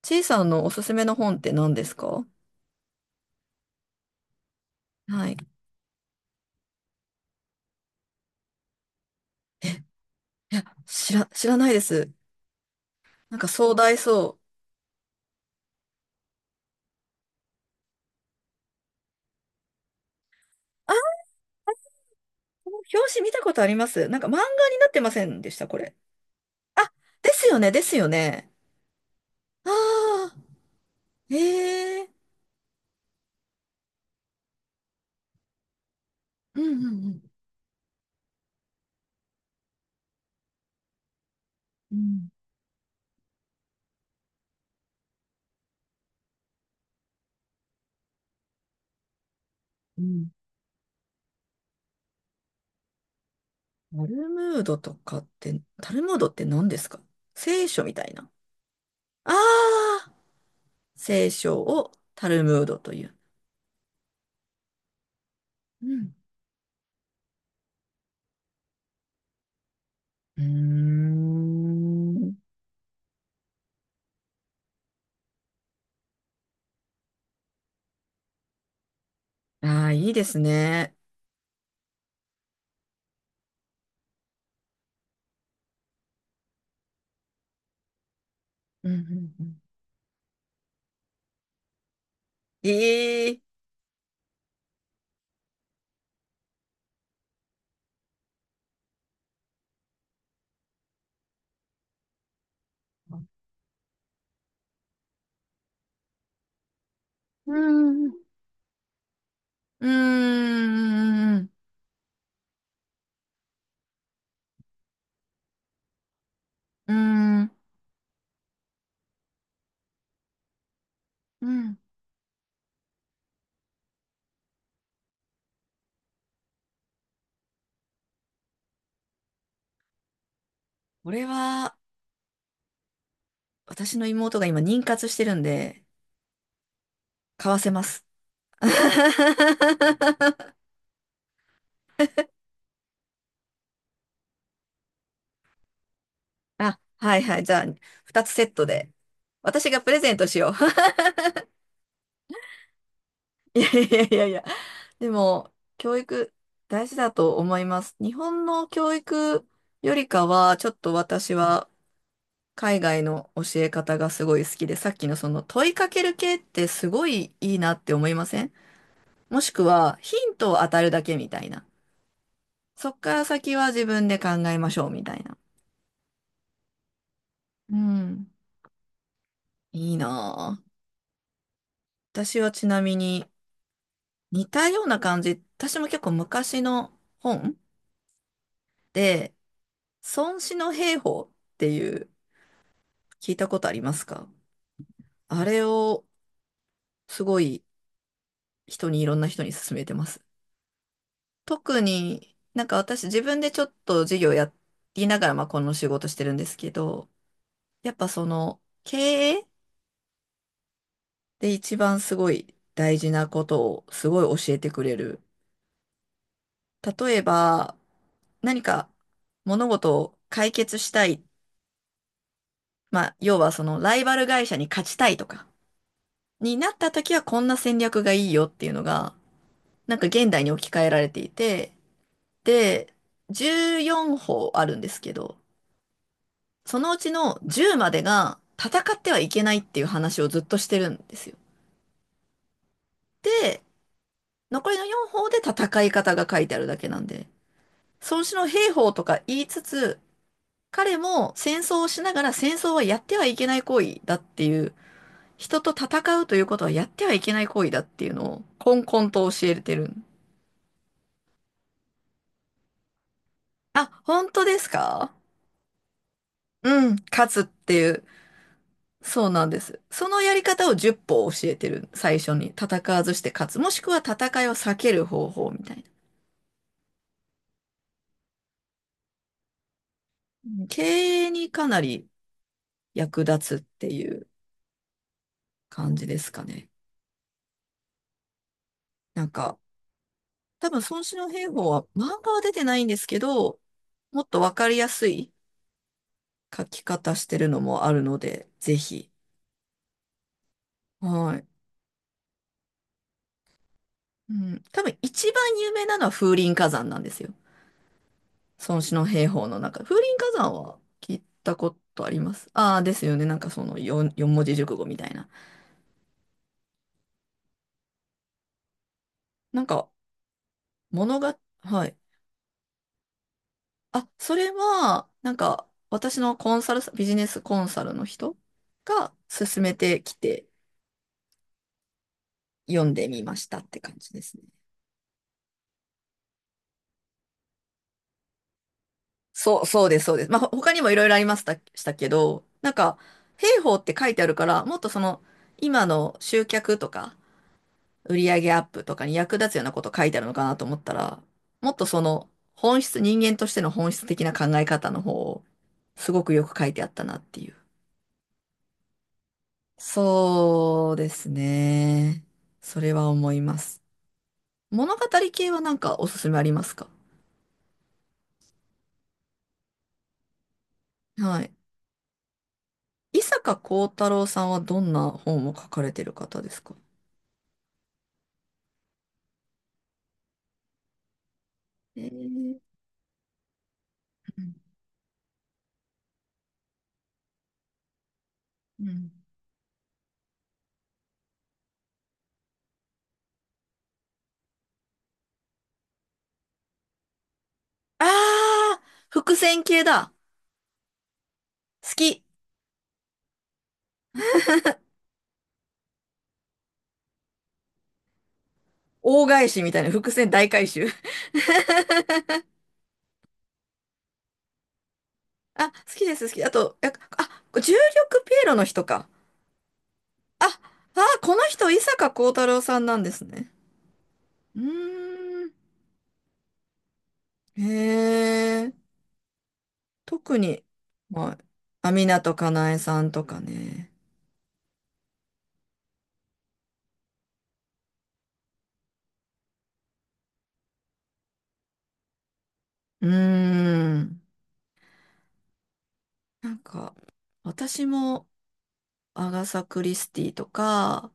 ちいさんのおすすめの本って何ですか？はい。いや、知らないです。なんか壮大そう。あ、この表紙見たことあります。なんか漫画になってませんでした、これ？あ、ですよね、ですよね。ああ、ええ。うんうんうん。うん。タルムードとかって、タルムードって何ですか？聖書みたいな。ああ、聖書をタルムードという。うん。うーん。ああ、いいですね。うんうんうん。ええ。うん、うんうん、うん、うん。これは、私の妹が今妊活してるんで、買わせます。あ、はいはい。じゃあ、二つセットで。私がプレゼントしよう。いやいやいやいや。でも、教育、大事だと思います。日本の教育よりかは、ちょっと私は、海外の教え方がすごい好きで、さっきのその問いかける系ってすごいいいなって思いません？もしくはヒントを与えるだけみたいな。そっから先は自分で考えましょうみたいな。うん。いいなぁ。私はちなみに似たような感じ、私も結構昔の本で、孫子の兵法っていう、聞いたことありますか？あれをすごいいろんな人に勧めてます。特になんか私自分でちょっと事業やりながら、まあこの仕事してるんですけど、やっぱその経営で一番すごい大事なことをすごい教えてくれる。例えば何か物事を解決したい。まあ要はそのライバル会社に勝ちたいとかになった時は、こんな戦略がいいよっていうのがなんか現代に置き換えられていて、で、14法あるんですけど、そのうちの10までが戦ってはいけないっていう話をずっとしてるんですよ。で、残りの4法で戦い方が書いてあるだけなんで、孫子の兵法とか言いつつ、彼も戦争をしながら戦争はやってはいけない行為だっていう、人と戦うということはやってはいけない行為だっていうのを、こんこんと教えてる。あ、本当ですか？うん、勝つっていう。そうなんです。そのやり方を10歩教えてる。最初に。戦わずして勝つ。もしくは戦いを避ける方法みたいな。うん。経営にかなり役立つっていう感じですかね。なんか、多分孫子の兵法は漫画は出てないんですけど、もっとわかりやすい書き方してるのもあるので、ぜひ。はい。うん。多分一番有名なのは風林火山なんですよ。孫子の兵法の中、風林火山は聞いたことあります。ああ、ですよね。なんかその4、四文字熟語みたいな。なんか、物が、はい。あ、それは、なんか、私のコンサルビジネスコンサルの人が勧めてきて読んでみましたって感じですね。そう、そうです、そうです。まあ、他にもいろいろありました、したけど、なんか、兵法って書いてあるから、もっとその、今の集客とか、売り上げアップとかに役立つようなこと書いてあるのかなと思ったら、もっとその本質、人間としての本質的な考え方の方をすごくよく書いてあったなっていう。そうですね。それは思います。物語系はなんかおすすめありますか？はい。伊坂幸太郎さんはどんな本を書かれてる方ですか？えー、うん。ああー、伏線系だ。好き。大返しみたいな伏線大回収。あ、好きです、好き。あと、重力ピエロの人か。あ、あ、この人、伊坂幸太郎さんなんですね。うーん。へえ、特に、まあ、あ、港かなえさんとかね。うーん。なんか、私も、アガサ・クリスティとか、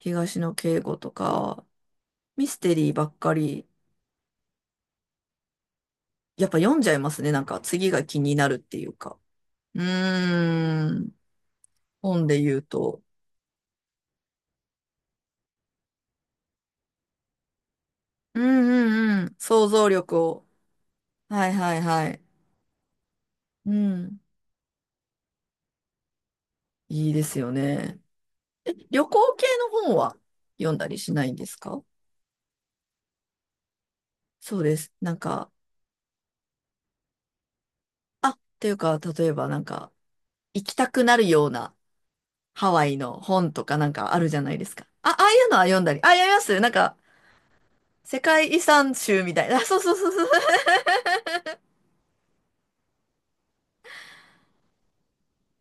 東野圭吾とか、ミステリーばっかり、やっぱ読んじゃいますね。なんか、次が気になるっていうか。うーん。本で言うと。うんうんうん。想像力を。はいはいはい。うん。いいですよね。え、旅行系の本は読んだりしないんですか？そうです。なんか、っていうか、例えばなんか、行きたくなるようなハワイの本とかなんかあるじゃないですか。あ、ああいうのは読んだり。あ、読みます。なんか、世界遺産集みたいな。あ、そうそうそうそう。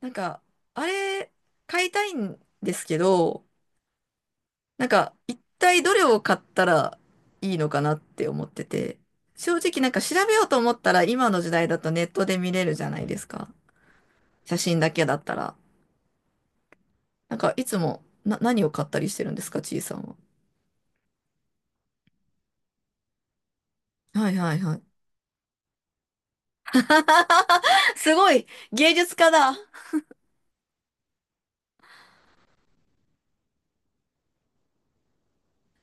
なんか、あれ、買いたいんですけど、なんか、一体どれを買ったらいいのかなって思ってて、正直なんか調べようと思ったら今の時代だとネットで見れるじゃないですか。写真だけだったら。なんか、いつもな、何を買ったりしてるんですか、ちいさんは。はいはいはい。すごい芸術家だ。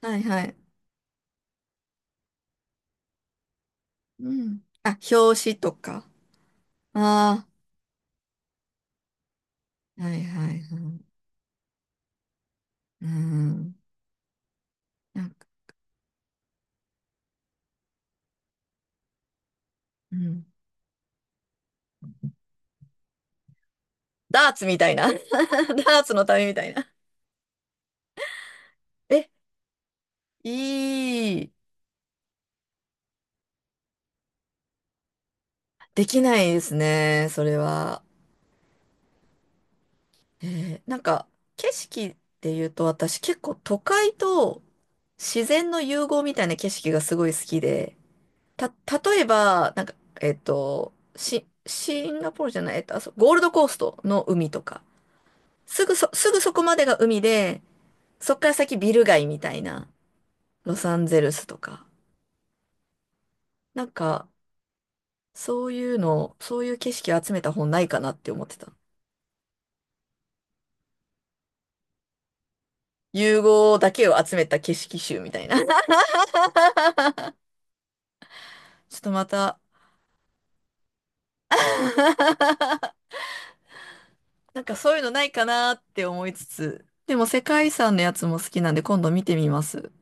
はいはい。うん。あ、表紙とか。ああ、はいはいはい。うん。なんか、うん。ダーツみたいな。ダーツの旅みたいな。え、いい。できないですね、それは。なんか、景色って言うと、私結構都会と自然の融合みたいな景色がすごい好きで、た、例えば、シンガポールじゃない、えっと、あそゴールドコーストの海とか、すぐそこまでが海で、そっから先ビル街みたいな、ロサンゼルスとか、なんか、そういうの、そういう景色を集めた本ないかなって思ってた。融合だけを集めた景色集みたいな。ちょっとまた なんかそういうのないかなって思いつつ、でも世界遺産のやつも好きなんで今度見てみます。